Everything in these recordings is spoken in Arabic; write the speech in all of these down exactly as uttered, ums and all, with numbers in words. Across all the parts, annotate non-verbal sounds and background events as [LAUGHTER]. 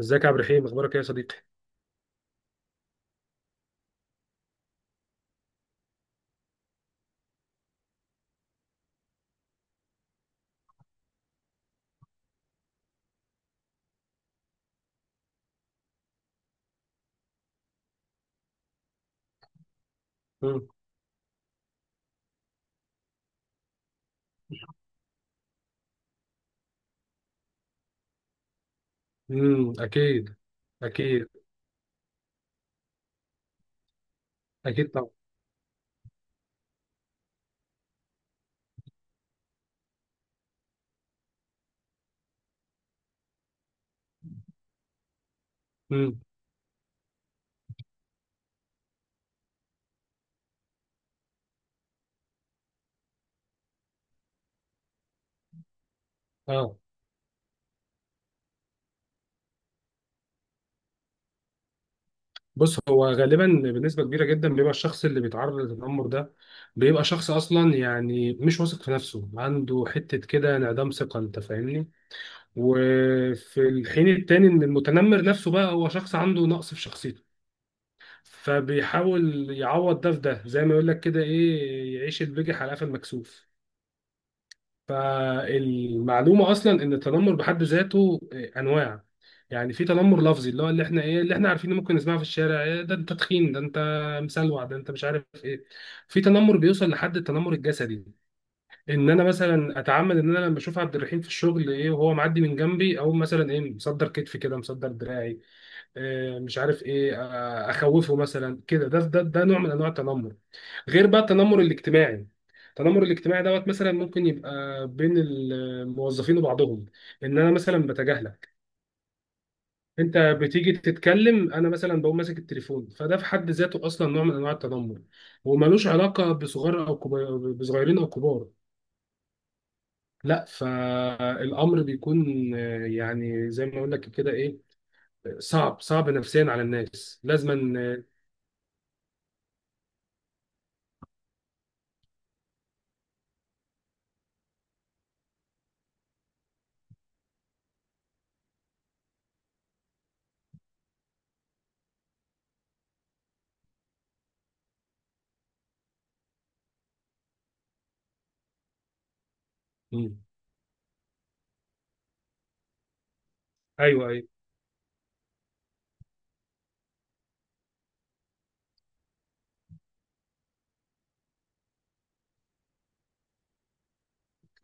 ازيك يا عبد الرحيم؟ اخبارك ايه يا صديقي؟ امم. امم. اكيد. اكيد. اكيد طبعا. امم. اه. بص، هو غالبا بنسبه كبيره جدا بيبقى الشخص اللي بيتعرض للتنمر ده بيبقى شخص اصلا، يعني مش واثق في نفسه، عنده حته كده انعدام ثقه، انت فاهمني؟ وفي الحين التاني ان المتنمر نفسه بقى هو شخص عنده نقص في شخصيته، فبيحاول يعوض ده في ده، زي ما يقول لك كده ايه، يعيش البجح على قفا المكسوف. فالمعلومه اصلا ان التنمر بحد ذاته انواع. يعني في تنمر لفظي، اللي هو اللي احنا ايه، اللي احنا عارفينه ممكن نسمعه في الشارع: إيه ده انت تخين، ده انت مسلوع، ده انت مش عارف ايه. في تنمر بيوصل لحد التنمر الجسدي، ان انا مثلا اتعمد ان انا لما اشوف عبد الرحيم في الشغل ايه، وهو معدي من جنبي، او مثلا ايه، مصدر كتفي كده، مصدر دراعي إيه، مش عارف ايه، آه، اخوفه مثلا كده، ده ده ده نوع من انواع التنمر. غير بقى التنمر الاجتماعي. التنمر الاجتماعي دوت مثلا ممكن يبقى بين الموظفين وبعضهم، ان انا مثلا بتجاهلك، انت بتيجي تتكلم انا مثلا بقوم ماسك التليفون. فده في حد ذاته اصلا نوع من انواع التنمر، وملوش علاقه بصغار او كبار، بصغيرين او كبار. لا، فالامر بيكون، آه، يعني زي ما اقول لك كده ايه، صعب صعب نفسيا على الناس لازما. آه، مم. ايوه ايوه.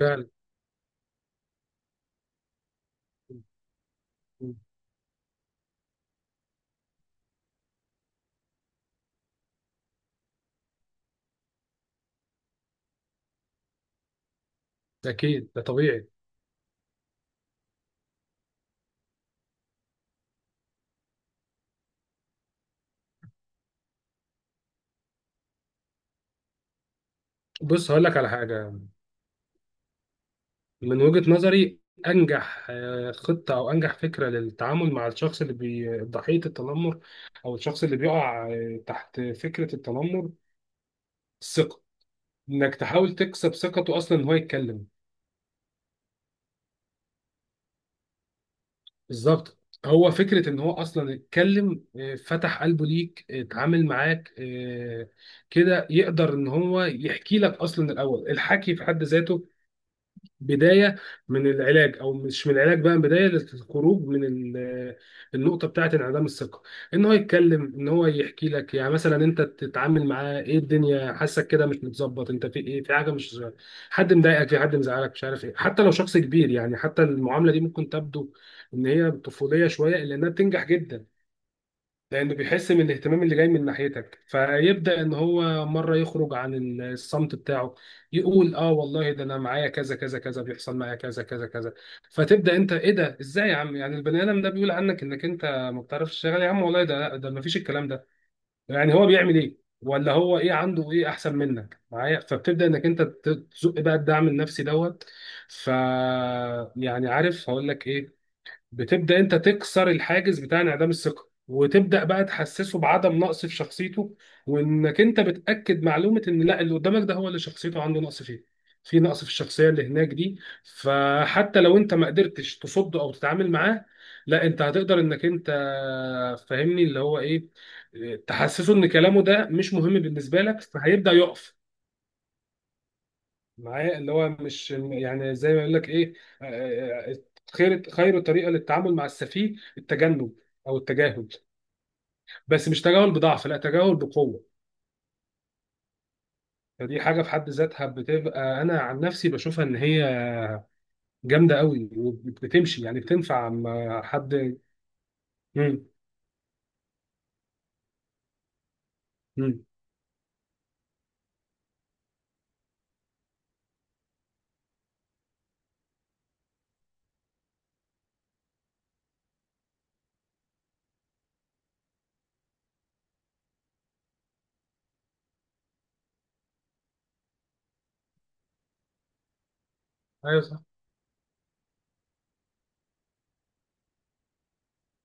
فعلا. مم. اكيد ده طبيعي. بص هقول لك على حاجه. من وجهة نظري، أنجح آه، خطة أو أنجح فكرة للتعامل مع الشخص اللي بي... ضحية التنمر، أو الشخص اللي بيقع آه، تحت فكرة التنمر: الثقة. إنك تحاول تكسب ثقته أصلا إن هو يتكلم. بالظبط. هو فكرة إن هو أصلا يتكلم، آه، فتح قلبه ليك، آه، اتعامل معاك، آه، كده يقدر إن هو يحكي لك. أصلا الأول، الحكي في حد ذاته بدايه من العلاج، او مش من العلاج بقى، بدايه للخروج من ال- آه، النقطه بتاعه انعدام الثقه. ان هو يتكلم، ان هو يحكي لك. يعني مثلا انت تتعامل معاه: ايه الدنيا حاسك كده مش متظبط، انت في ايه، في حاجه مش، حد مضايقك، في حد مزعلك، مش عارف ايه. حتى لو شخص كبير، يعني حتى المعامله دي ممكن تبدو ان هي طفوليه شويه، الا انها بتنجح جدا. لانه بيحس من الاهتمام اللي جاي من ناحيتك، فيبدا ان هو مره يخرج عن ال- الصمت بتاعه. يقول: اه والله، ده انا معايا كذا كذا كذا، بيحصل معايا كذا كذا كذا. فتبدا انت: ايه ده، ازاي يا عم، يعني البني ادم ده بيقول عنك انك انت ما بتعرفش تشتغل، يا عم والله ده ده ما فيش الكلام ده. يعني هو بيعمل ايه، ولا هو ايه، عنده ايه احسن منك معايا؟ فبتبدا انك انت ت- تزق بقى الدعم النفسي دوت. ف يعني عارف هقول لك ايه، بتبدا انت تكسر الحاجز بتاع انعدام الثقه، وتبدا بقى تحسسه بعدم نقص في شخصيته، وانك انت بتاكد معلومه ان لا، اللي قدامك ده هو اللي شخصيته عنده نقص فيه. في نقص في الشخصيه اللي هناك دي. فحتى لو انت ما قدرتش تصده او تتعامل معاه، لا انت هتقدر انك انت، فاهمني اللي هو ايه، تحسسه ان كلامه ده مش مهم بالنسبه لك، فهيبدا يقف معايا، اللي هو مش، يعني زي ما يقول لك ايه. آه، آه، آه، خير خير طريقه للتعامل مع السفيه التجنب، او التجاهل، بس مش تجاهل بضعف، لا تجاهل بقوه. فدي حاجه في حد ذاتها بتبقى، انا عن نفسي بشوفها ان هي جامده قوي وبتمشي، يعني بتنفع مع حد. مم. مم. ايوه صح.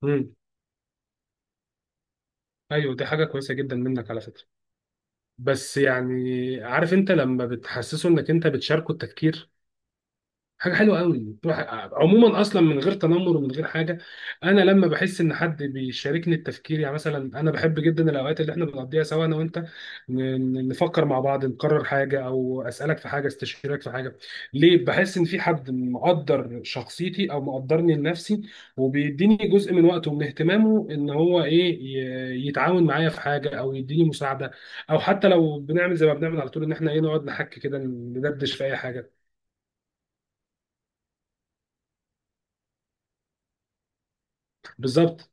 مم. ايوه، دي حاجه كويسه جدا منك على فكره. بس يعني عارف، انت لما بتحسسه انك انت بتشاركه التفكير، حاجه حلوه قوي تروح. عموما اصلا من غير تنمر ومن غير حاجه، انا لما بحس ان حد بيشاركني التفكير، يعني مثلا انا بحب جدا الاوقات اللي احنا بنقضيها سوا انا وانت، ن- نفكر مع بعض، نقرر حاجه، او اسالك في حاجه، استشيرك في حاجه. ليه؟ بحس ان في حد مقدر شخصيتي، او مقدرني لنفسي، وبيديني جزء من وقته ومن اهتمامه، ان هو ايه، ي- يتعاون معايا في حاجه، او يديني مساعده، او حتى لو بنعمل زي ما بنعمل على طول، ان احنا ايه، نقعد نحكي كده، ندردش في اي حاجه. بالظبط.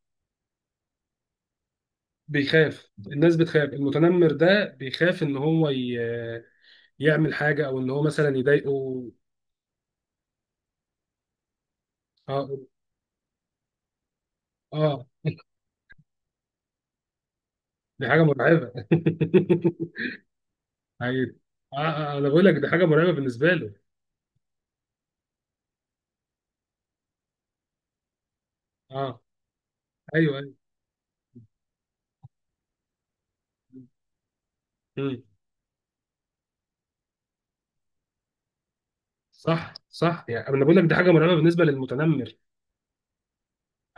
بيخاف. الناس بتخاف المتنمر ده، بيخاف ان هو ي... يعمل حاجه، او ان هو مثلا يضايقه. اه اه، دي حاجه مرعبه [LAUGHS] أيوة. آه, آه آه، انا بقول لك دي حاجه مرعبه بالنسبه له. اه. ايوه ايوه. مم. صح صح. يعني انا بقول لك دي حاجه مرعبه بالنسبه للمتنمر.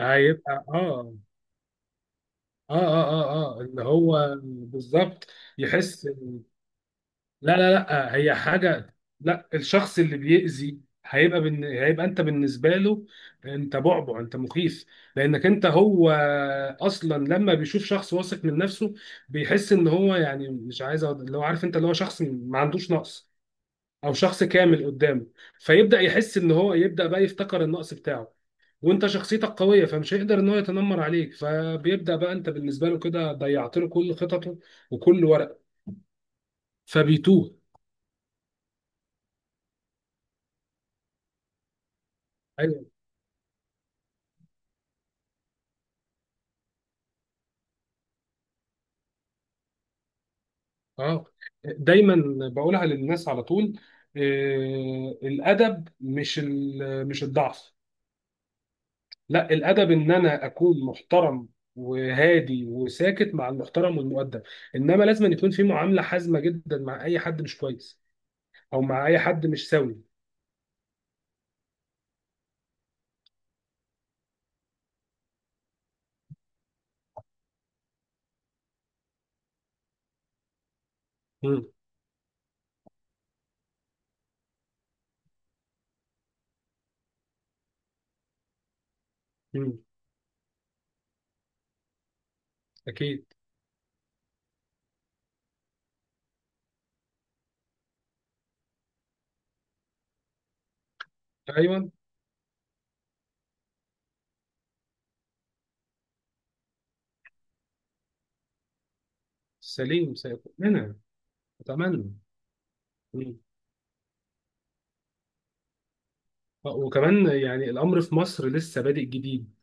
هيبقى اه اه اه اه اه اللي هو بالظبط. يحس. لا لا لا، آه، هي حاجة، لا الشخص اللي بيأذي هيبقى، بن... هيبقى انت بالنسبة له، انت بعبع، انت مخيف. لانك انت هو اصلا. لما بيشوف شخص واثق من نفسه، بيحس ان هو يعني مش عايز، أقعد- اللي هو عارف انت، اللي هو شخص ما عندوش نقص، او شخص كامل قدامه. فيبدأ يحس ان هو، يبدأ بقى يفتكر النقص بتاعه، وانت شخصيتك قوية فمش هيقدر ان هو يتنمر عليك. فبيبدأ بقى انت بالنسبة له كده ضيعت له كل خططه وكل ورقه، فبيتوه. أيوه. اه، دايما بقولها للناس على طول، آه، الادب مش ال- مش الضعف، لا الادب ان انا اكون محترم وهادي وساكت مع المحترم والمؤدب. انما لازم أن يكون في معامله حازمه جدا مع اي حد مش كويس، او مع اي حد مش سوي. مم. مم. اكيد. ايوه سليم، سيكون انا اتمنى. مم. وكمان يعني الامر في مصر لسه بادئ جديد،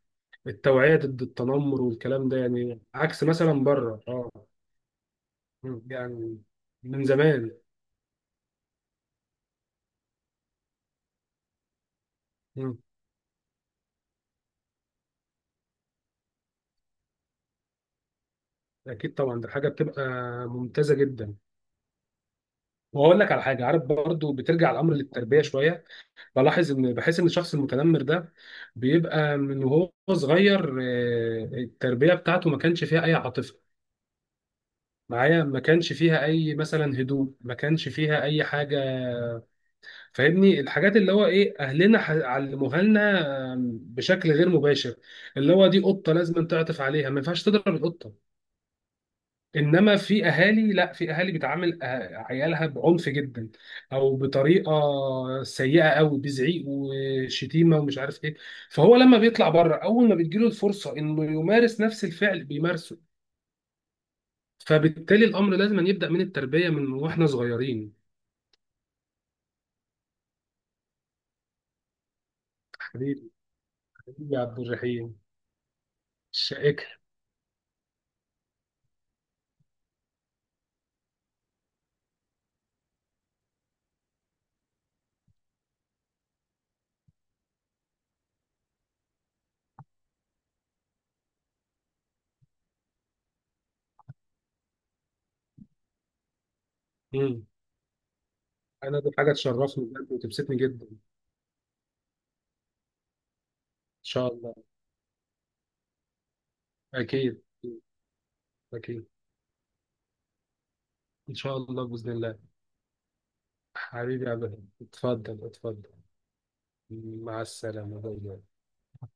التوعيه ضد التنمر والكلام ده، يعني عكس مثلا بره. اه. مم. يعني من زمان. مم. اكيد طبعا، ده حاجه بتبقى ممتازه جدا. واقول لك على حاجه، عارف برضو بترجع الامر للتربيه شويه. بلاحظ ان، بحس ان الشخص المتنمر ده بيبقى من وهو صغير، آه، التربيه بتاعته ما كانش فيها اي عاطفه معايا، ما كانش فيها اي مثلا هدوء، ما كانش فيها اي حاجه. فاهمني الحاجات اللي هو ايه اهلنا ح- علموها لنا، آه، بشكل غير مباشر. اللي هو دي قطه لازم تعطف عليها، ما ينفعش تضرب القطه. انما في اهالي، لا في اهالي بتعامل آه، عيالها بعنف جدا، او بطريقه سيئه قوي، بزعيق وشتيمه ومش عارف ايه. فهو لما بيطلع بره، اول ما بتجيله الفرصه انه يمارس نفس الفعل بيمارسه. فبالتالي الامر لازم أن يبدا من التربيه، من واحنا صغيرين. حبيبي، حبيبي يا عبد الرحيم. الشائكه. مم. انا دي حاجه تشرفني بجد وتبسطني جدا. ان شاء الله. اكيد. اكيد ان شاء الله، باذن الله. حبيبي يا عبد الرحيم، اتفضل اتفضل. مع السلامة، باي باي.